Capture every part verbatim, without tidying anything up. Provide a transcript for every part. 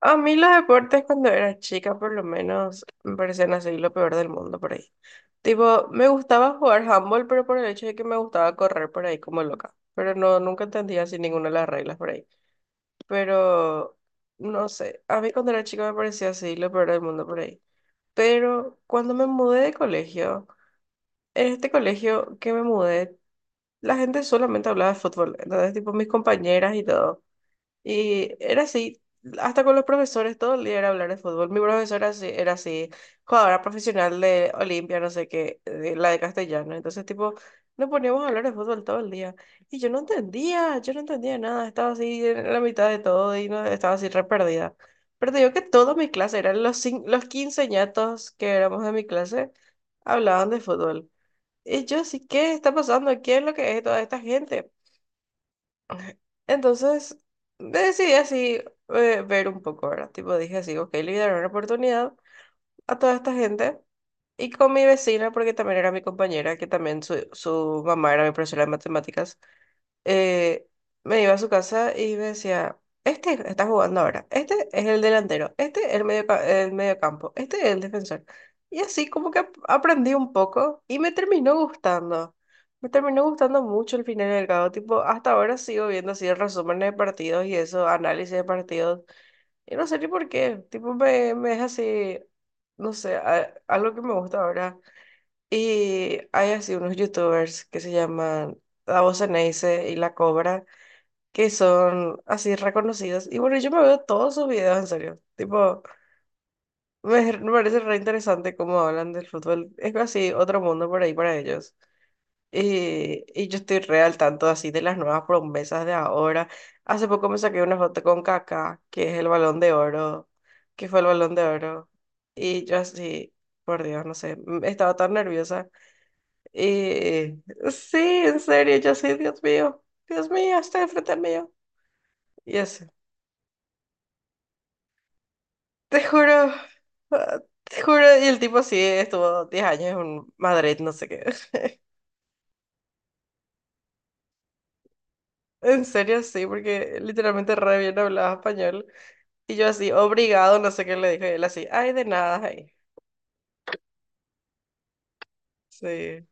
A mí los deportes cuando era chica, por lo menos, me parecían así lo peor del mundo por ahí. Tipo, me gustaba jugar handball, pero por el hecho de que me gustaba correr por ahí como loca. Pero no, nunca entendía así ninguna de las reglas por ahí. Pero, no sé, a mí cuando era chica me parecía así lo peor del mundo por ahí. Pero cuando me mudé de colegio, en este colegio que me mudé, la gente solamente hablaba de fútbol. Entonces, tipo, mis compañeras y todo. Y era así, hasta con los profesores, todo el día era hablar de fútbol. Mi profesora así- era así, jugadora profesional de Olimpia, no sé qué, de la de castellano. Entonces, tipo, nos poníamos a hablar de fútbol todo el día. Y yo no entendía, yo no entendía nada, estaba así en la mitad de todo y no, estaba así re perdida. Pero te digo que todas mis clases, eran los, cin- los quince quinceañatos que éramos de mi clase, hablaban de fútbol. Y yo así, ¿qué está pasando? ¿Qué es lo que es toda esta gente? Entonces decidí así eh, ver un poco, ¿verdad? Tipo dije así, ok, le voy a dar una oportunidad a toda esta gente y con mi vecina, porque también era mi compañera, que también su, su mamá era mi profesora de matemáticas, eh, me iba a su casa y me decía, este está jugando ahora, este es el delantero, este es el medio, el mediocampo, este es el defensor. Y así como que ap- aprendí un poco y me terminó gustando. Me terminó gustando mucho el final del cabo, tipo, hasta ahora sigo viendo así resúmenes de partidos y eso, análisis de partidos. Y no sé ni por qué, tipo, me, me es así, no sé, a- algo que me gusta ahora. Y hay así unos youtubers que se llaman La Voz Ceneice y La Cobra, que son así reconocidos. Y bueno, yo me veo todos sus videos, en serio. Tipo, me, me parece re interesante cómo hablan del fútbol. Es así otro mundo por ahí para ellos. Y, y yo estoy re al tanto así de las nuevas promesas de ahora. Hace poco me saqué una foto con Kaká, que es el Balón de Oro, que fue el Balón de Oro. Y yo así, por Dios, no sé, m- estaba tan nerviosa. Y sí, en serio, yo así, Dios mío, Dios mío, está enfrente mío. Y así. Te juro, ah, te juro, y el tipo sí estuvo diez años en Madrid, no sé qué. En serio, sí, porque literalmente re bien hablaba español. Y yo así, obrigado, no sé qué le dije. Y él así, ay, de nada, ay. Sí.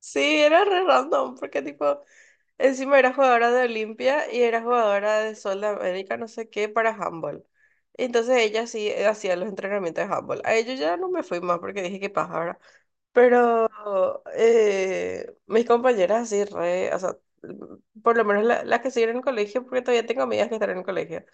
Sí, era re random, porque tipo, encima era jugadora de Olimpia y era jugadora de Sol de América, no sé qué, para handball. Entonces ella sí eh, hacía los entrenamientos de handball. A ello ya no me fui más porque dije, qué paja, ¿verdad? Pero eh, mis compañeras así re, o sea, por lo menos la- las que siguen en el colegio, porque todavía tengo amigas que están en el colegio.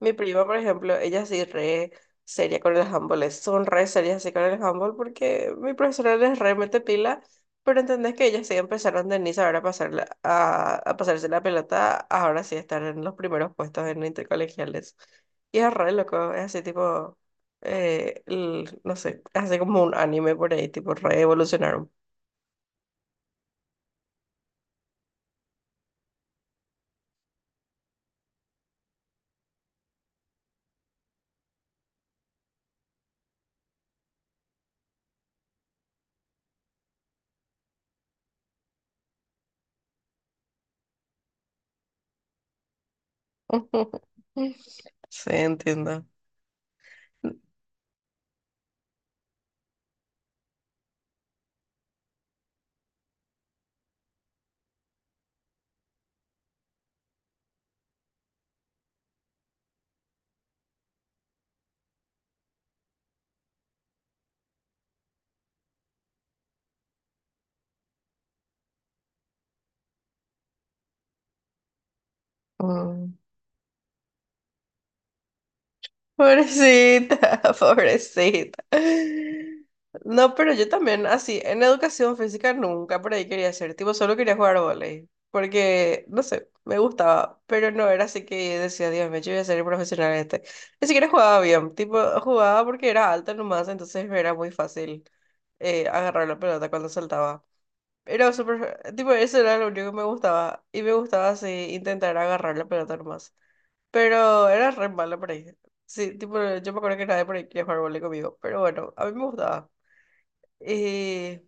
Mi prima, por ejemplo, ella sí re seria con el handball, es- son re serias así con el handball porque mi profesora les re mete pila, pero entendés que ellas sí empezaron de Niza ahora a, pasar la- a, a pasarse la pelota, ahora sí están en los primeros puestos en intercolegiales. Y es re loco, es así tipo, eh, el- no sé, es así como un anime por ahí, tipo re evolucionaron. Sí, entiendo. Mm. Pobrecita, pobrecita. No, pero yo también, así, en educación física nunca por ahí quería ser, tipo, solo quería jugar vóley, porque, no sé, me gustaba, pero no era así que decía, Dios mío, yo voy a ser profesional en este. Ni siquiera jugaba bien, tipo, jugaba porque era alta nomás, entonces era muy fácil eh, agarrar la pelota cuando saltaba. Era súper, tipo, eso era lo único que me gustaba, y me gustaba así intentar agarrar la pelota nomás. Pero era re mala por ahí. Sí, tipo, yo me acuerdo que nadie por ahí quería jugar vole conmigo. Pero bueno, a mí me gustaba. Eh,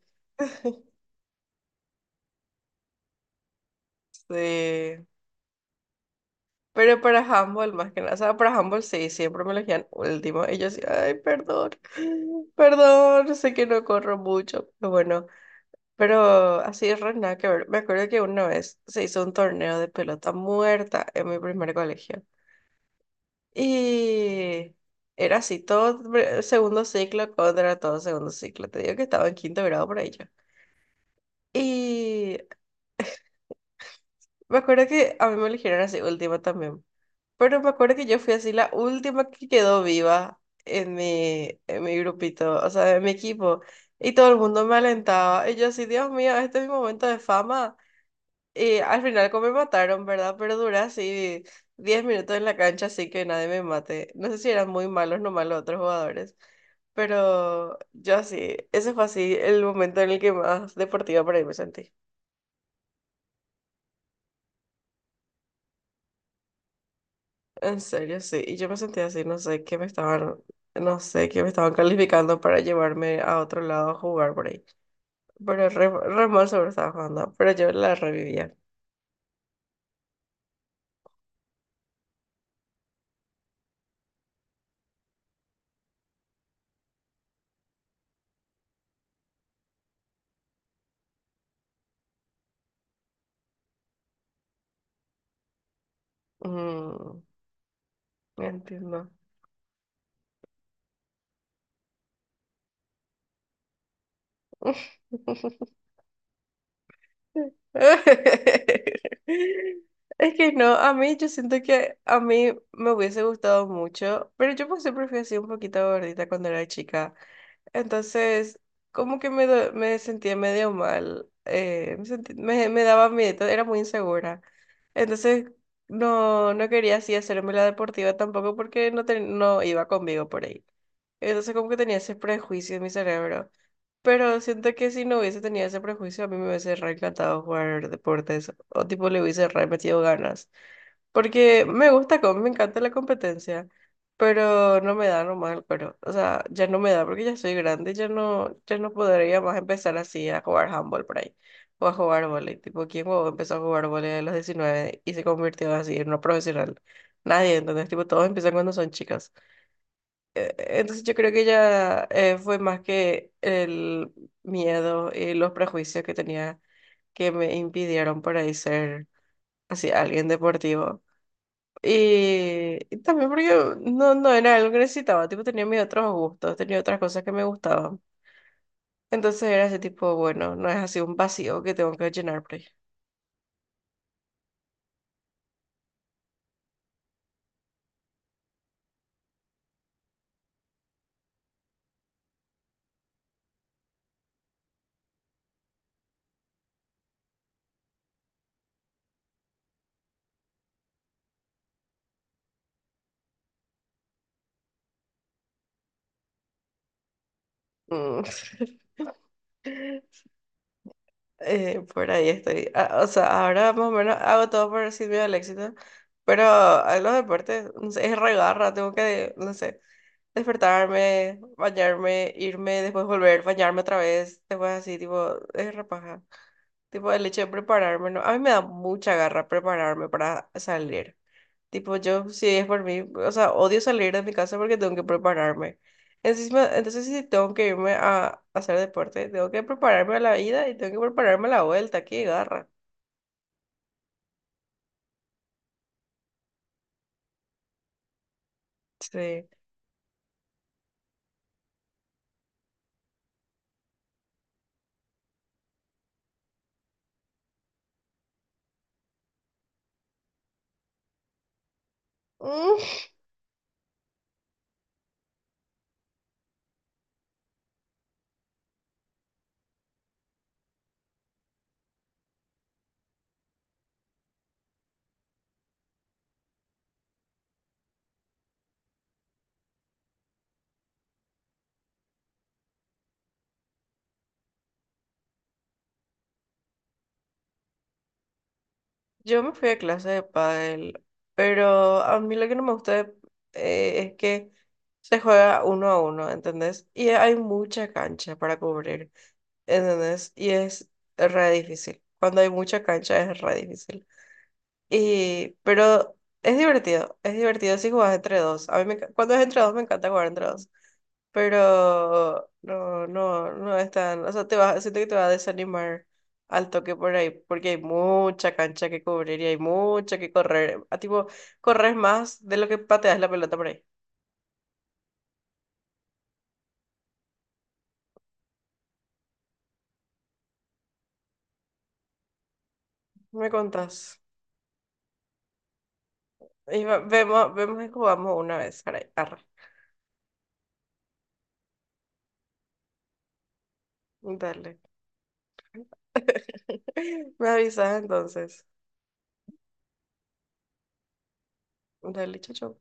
sí. Pero para handball más que nada. O sea, para handball sí, siempre me elegían último. Y yo así, ay, perdón. Perdón, sé que no corro mucho. Pero bueno, pero así es re nada que ver. Me acuerdo que una vez se hizo un torneo de pelota muerta en mi primer colegio. Y era así, todo pre- segundo ciclo contra todo segundo ciclo. Te digo que estaba en quinto grado por ahí yo. Y me acuerdo que a mí me eligieron así última también. Pero me acuerdo que yo fui así la última que quedó viva en mi, en mi grupito, o sea, en mi equipo. Y todo el mundo me alentaba. Y yo así, Dios mío, este es mi momento de fama. Y al final como me mataron, ¿verdad? Pero duré así diez minutos en la cancha así que nadie me mate. No sé si eran muy malos no los otros jugadores, pero yo sí ese fue así el momento en el que más deportiva por ahí me sentí. En serio, sí. Y yo me sentí así, no sé, que me estaban, no sé, que me estaban calificando para llevarme a otro lado a jugar por ahí. Pero re, re mal sobre estaba jugando, pero yo la revivía. Mm, entiendo. Es que no, a mí yo siento que a mí me hubiese gustado mucho, pero yo pues siempre fui así un poquito gordita cuando era chica. Entonces, como que me, do- me sentía medio mal, eh, me, sentí- me, me daba miedo, era muy insegura. Entonces, no, no quería así hacerme la deportiva tampoco porque no, ten- no iba conmigo por ahí. Entonces, como que tenía ese prejuicio en mi cerebro. Pero siento que si no hubiese tenido ese prejuicio, a mí me hubiese re encantado jugar deportes o tipo le hubiese re metido ganas. Porque me gusta, com- me encanta la competencia, pero no me da nomás el cuero. O sea, ya no me da porque ya soy grande, ya no, ya no podría más empezar así a jugar handball por ahí. O a jugar vóley. Tipo, ¿quién huevón empezó a jugar vóley a los diecinueve y se convirtió así en una profesional? Nadie, entonces, tipo, todos empiezan cuando son chicas. Eh, Entonces yo creo que ya eh, fue más que el miedo y los prejuicios que tenía que me impidieron por ahí ser así alguien deportivo. Y, y también porque no, no era algo que necesitaba, tipo tenía mis otros gustos, tenía otras cosas que me gustaban. Entonces era ese tipo, bueno, no es así un vacío que tengo que llenar por ahí. Mm. Eh, por ahí estoy. Ah, o sea, ahora más o menos hago todo por decir miedo al éxito, pero a los deportes, no sé, es regarra, tengo que, no sé, despertarme, bañarme, irme, después volver, bañarme otra vez, después así, tipo, es repaja. Tipo, el hecho de prepararme, no, a mí me da mucha garra prepararme para salir. Tipo, yo, si es por mí, o sea, odio salir de mi casa porque tengo que prepararme. Encima, entonces, si tengo que irme a hacer deporte, tengo que prepararme a la ida y tengo que prepararme a la vuelta. ¡Qué garra! Sí. Mm, Yo me fui a clase de pádel, pero a mí lo que no me gusta de- eh, es que se juega uno a uno, ¿entendés? Y hay mucha cancha para cubrir. ¿Entendés? Y es re difícil. Cuando hay mucha cancha es re difícil. Y, pero es divertido, es divertido si jugás entre dos. A mí me enca- cuando es entre dos me encanta jugar entre dos. Pero no, no, no es tan, o sea, te va, siento que te va a desanimar al toque por ahí, porque hay mucha cancha que cubrir y hay mucha que correr. A tipo, corres más de lo que pateas la pelota por ahí. Me contás. Y va- vemos, vemos y jugamos una vez. Arre, arre. Dale. Me avisas entonces. Dale, chacho.